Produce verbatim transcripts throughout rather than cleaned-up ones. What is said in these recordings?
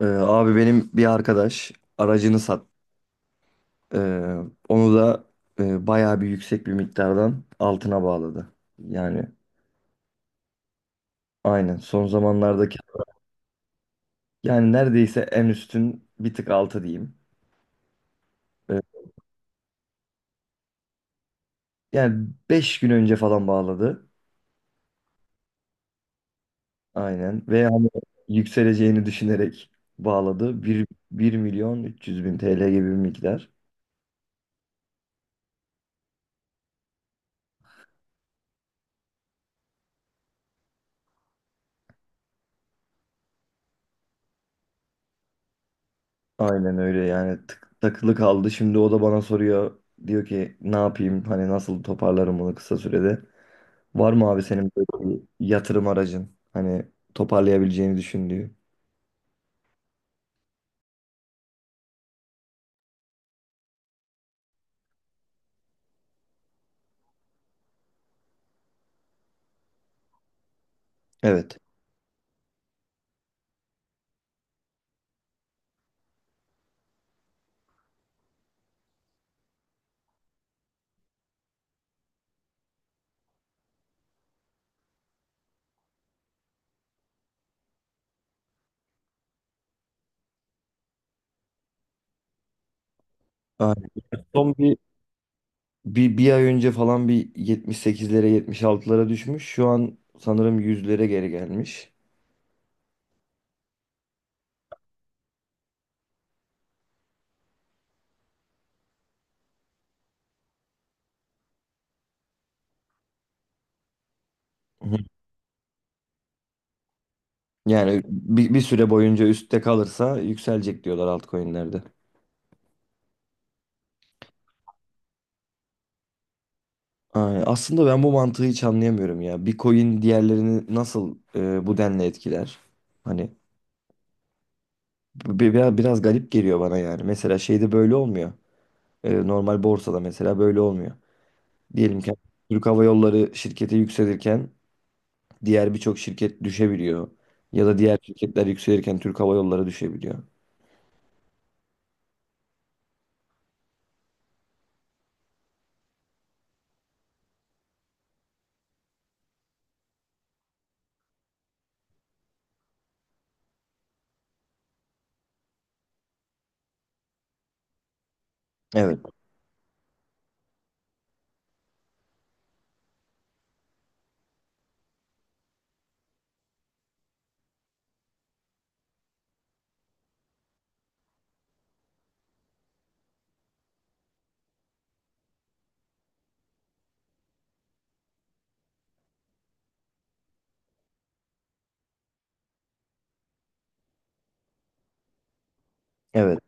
Ee, abi benim bir arkadaş aracını sat. ee, Onu da e, bayağı bir yüksek bir miktardan altına bağladı. Yani aynen son zamanlardaki, yani neredeyse en üstün bir tık altı diyeyim. Ee, Yani beş gün önce falan bağladı. Aynen, ve hani yükseleceğini düşünerek bağladı. bir bir milyon üç yüz bin TL gibi bir miktar. Aynen öyle, yani tık, takılı kaldı. Şimdi o da bana soruyor. Diyor ki ne yapayım, hani nasıl toparlarım bunu kısa sürede. Var mı abi senin böyle bir yatırım aracın? Hani toparlayabileceğini düşündüğü. Evet. Aynen. Son bir, bir, bir ay önce falan bir yetmiş sekizlere yetmiş altılara düşmüş. Şu an sanırım yüzlere geri gelmiş. Hı hı. Yani bir, bir süre boyunca üstte kalırsa yükselecek diyorlar altcoin'lerde. Aynen. Aslında ben bu mantığı hiç anlayamıyorum ya. Bir coin diğerlerini nasıl e, bu denli etkiler? Hani bi- biraz, biraz garip geliyor bana yani. Mesela şeyde böyle olmuyor. E, normal borsada mesela böyle olmuyor. Diyelim ki Türk Hava Yolları şirketi yükselirken diğer birçok şirket düşebiliyor. Ya da diğer şirketler yükselirken Türk Hava Yolları düşebiliyor. Evet, evet.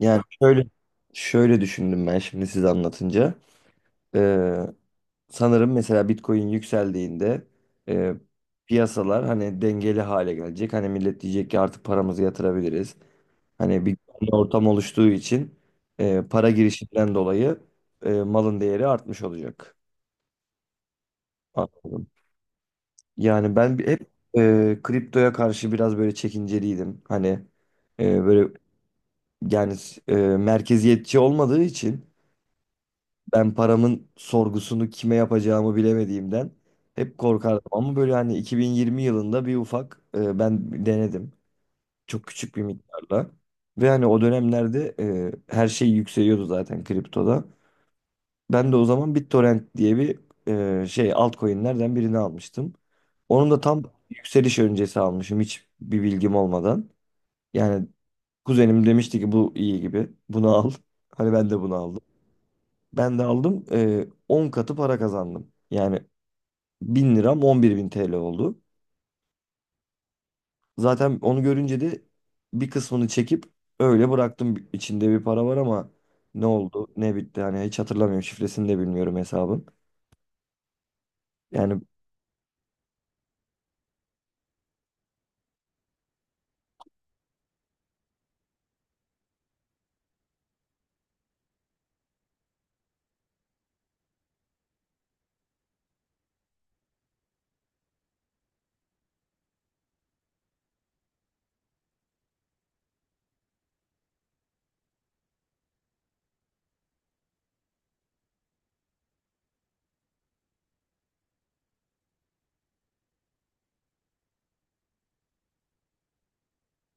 Yani şöyle şöyle düşündüm ben şimdi size anlatınca. Ee, Sanırım mesela Bitcoin yükseldiğinde e, piyasalar hani dengeli hale gelecek. Hani millet diyecek ki artık paramızı yatırabiliriz. Hani bir güvenli ortam oluştuğu için e, para girişinden dolayı e, malın değeri artmış olacak. Anladım. Yani ben bir- hep e, kriptoya karşı biraz böyle çekinceliydim. Hani e, böyle, yani e, merkeziyetçi olmadığı için ben paramın sorgusunu kime yapacağımı bilemediğimden hep korkardım. Ama böyle hani iki bin yirmi yılında bir ufak e, ben denedim. Çok küçük bir miktarla. Ve hani o dönemlerde e, her şey yükseliyordu zaten kriptoda. Ben de o zaman BitTorrent diye bir e, şey altcoin'lerden birini almıştım. Onun da tam yükseliş öncesi almışım, hiç bir bilgim olmadan. Yani kuzenim demişti ki bu iyi gibi. Bunu al. Hani ben de bunu aldım. Ben de aldım. e, on katı para kazandım. Yani bin liram on bir bin T L oldu. Zaten onu görünce de bir kısmını çekip öyle bıraktım. İçinde bir para var ama ne oldu ne bitti hani hiç hatırlamıyorum. Şifresini de bilmiyorum hesabın. Yani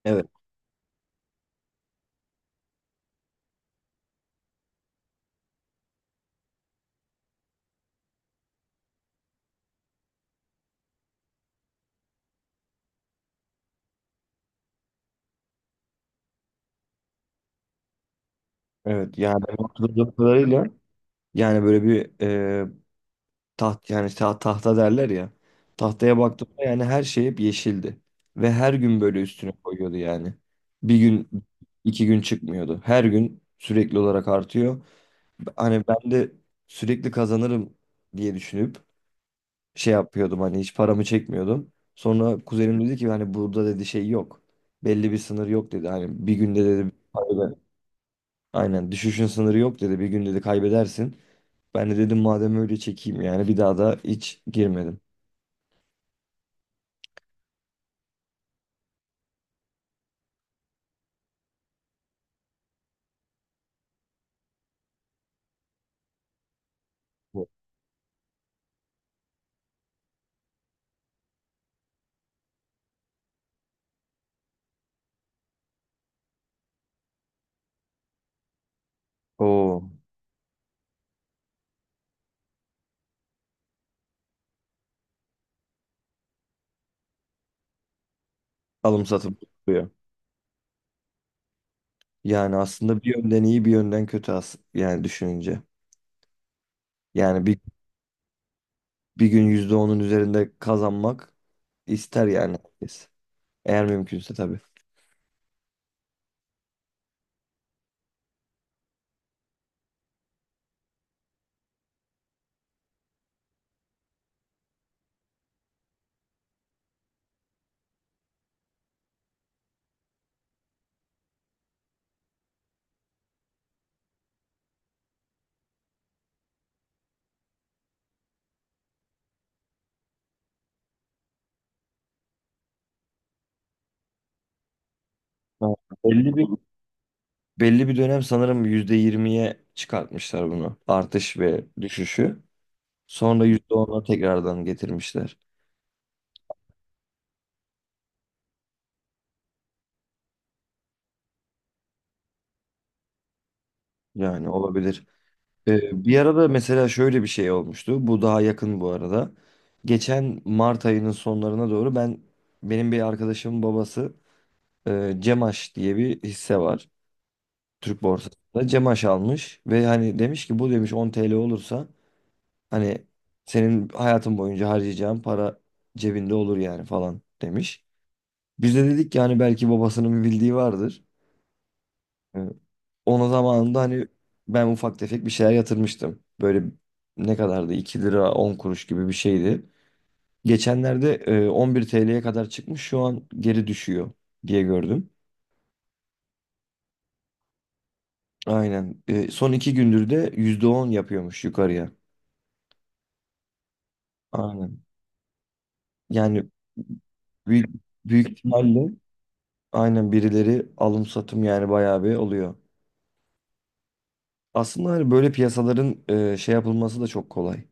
evet. Evet, yani benim hatırladığım kadarıyla, yani böyle bir e, taht, yani ta- tahta derler ya, tahtaya baktığımda, yani her şey hep yeşildi ve her gün böyle üstüne koyuyordu, yani bir gün iki gün çıkmıyordu, her gün sürekli olarak artıyor, hani ben de sürekli kazanırım diye düşünüp şey yapıyordum, hani hiç paramı çekmiyordum. Sonra kuzenim dedi ki hani burada dedi şey yok, belli bir sınır yok dedi, hani bir günde dedi aynen. Aynen, düşüşün sınırı yok dedi, bir gün dedi kaybedersin. Ben de dedim madem öyle çekeyim, yani bir daha da hiç girmedim. O alım satım yapıyor. Yani aslında bir yönden iyi, bir yönden kötü as, yani düşününce. Yani bir, bir gün yüzde onun üzerinde kazanmak ister yani herkes. Eğer mümkünse tabii. Ha, Belli bir belli bir dönem sanırım yüzde yirmiye çıkartmışlar bunu. Artış ve düşüşü. Sonra yüzde ona tekrardan getirmişler. Yani olabilir. Ee, bir arada mesela şöyle bir şey olmuştu. Bu daha yakın bu arada. Geçen Mart ayının sonlarına doğru ben benim bir arkadaşımın babası e, Cemaş diye bir hisse var Türk borsasında. Cemaş almış ve hani demiş ki bu demiş on T L olursa hani senin hayatın boyunca harcayacağın para cebinde olur yani falan demiş. Biz de dedik ki hani belki babasının bir bildiği vardır. Ee, Onun zamanında hani ben ufak tefek bir şeyler yatırmıştım. Böyle ne kadardı? iki lira on kuruş gibi bir şeydi. Geçenlerde e, on bir T L'ye kadar çıkmış, şu an geri düşüyor diye gördüm. Aynen. E, Son iki gündür de yüzde on yapıyormuş yukarıya. Aynen. Yani büyük, büyük ihtimalle aynen birileri alım satım yani bayağı bir oluyor. Aslında hani böyle piyasaların e, şey yapılması da çok kolay.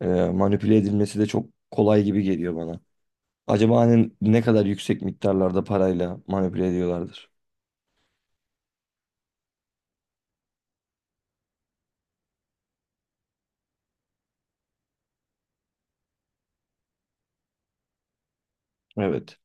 E, Manipüle edilmesi de çok kolay gibi geliyor bana. Acaba hani ne kadar yüksek miktarlarda parayla manipüle ediyorlardır? Evet.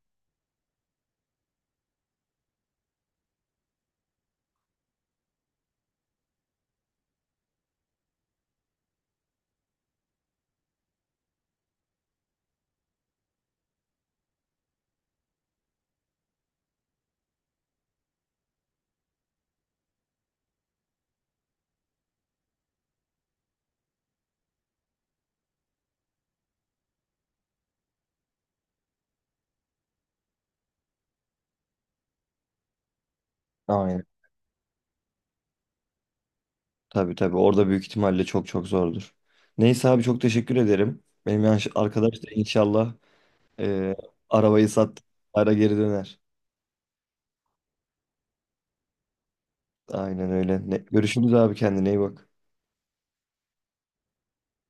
Aynen. Tabii, tabii. Orada büyük ihtimalle çok çok zordur. Neyse abi çok teşekkür ederim. Benim yanlış arkadaş da inşallah e, arabayı sat, ara geri döner. Aynen öyle. Ne, görüşürüz abi, kendine iyi bak.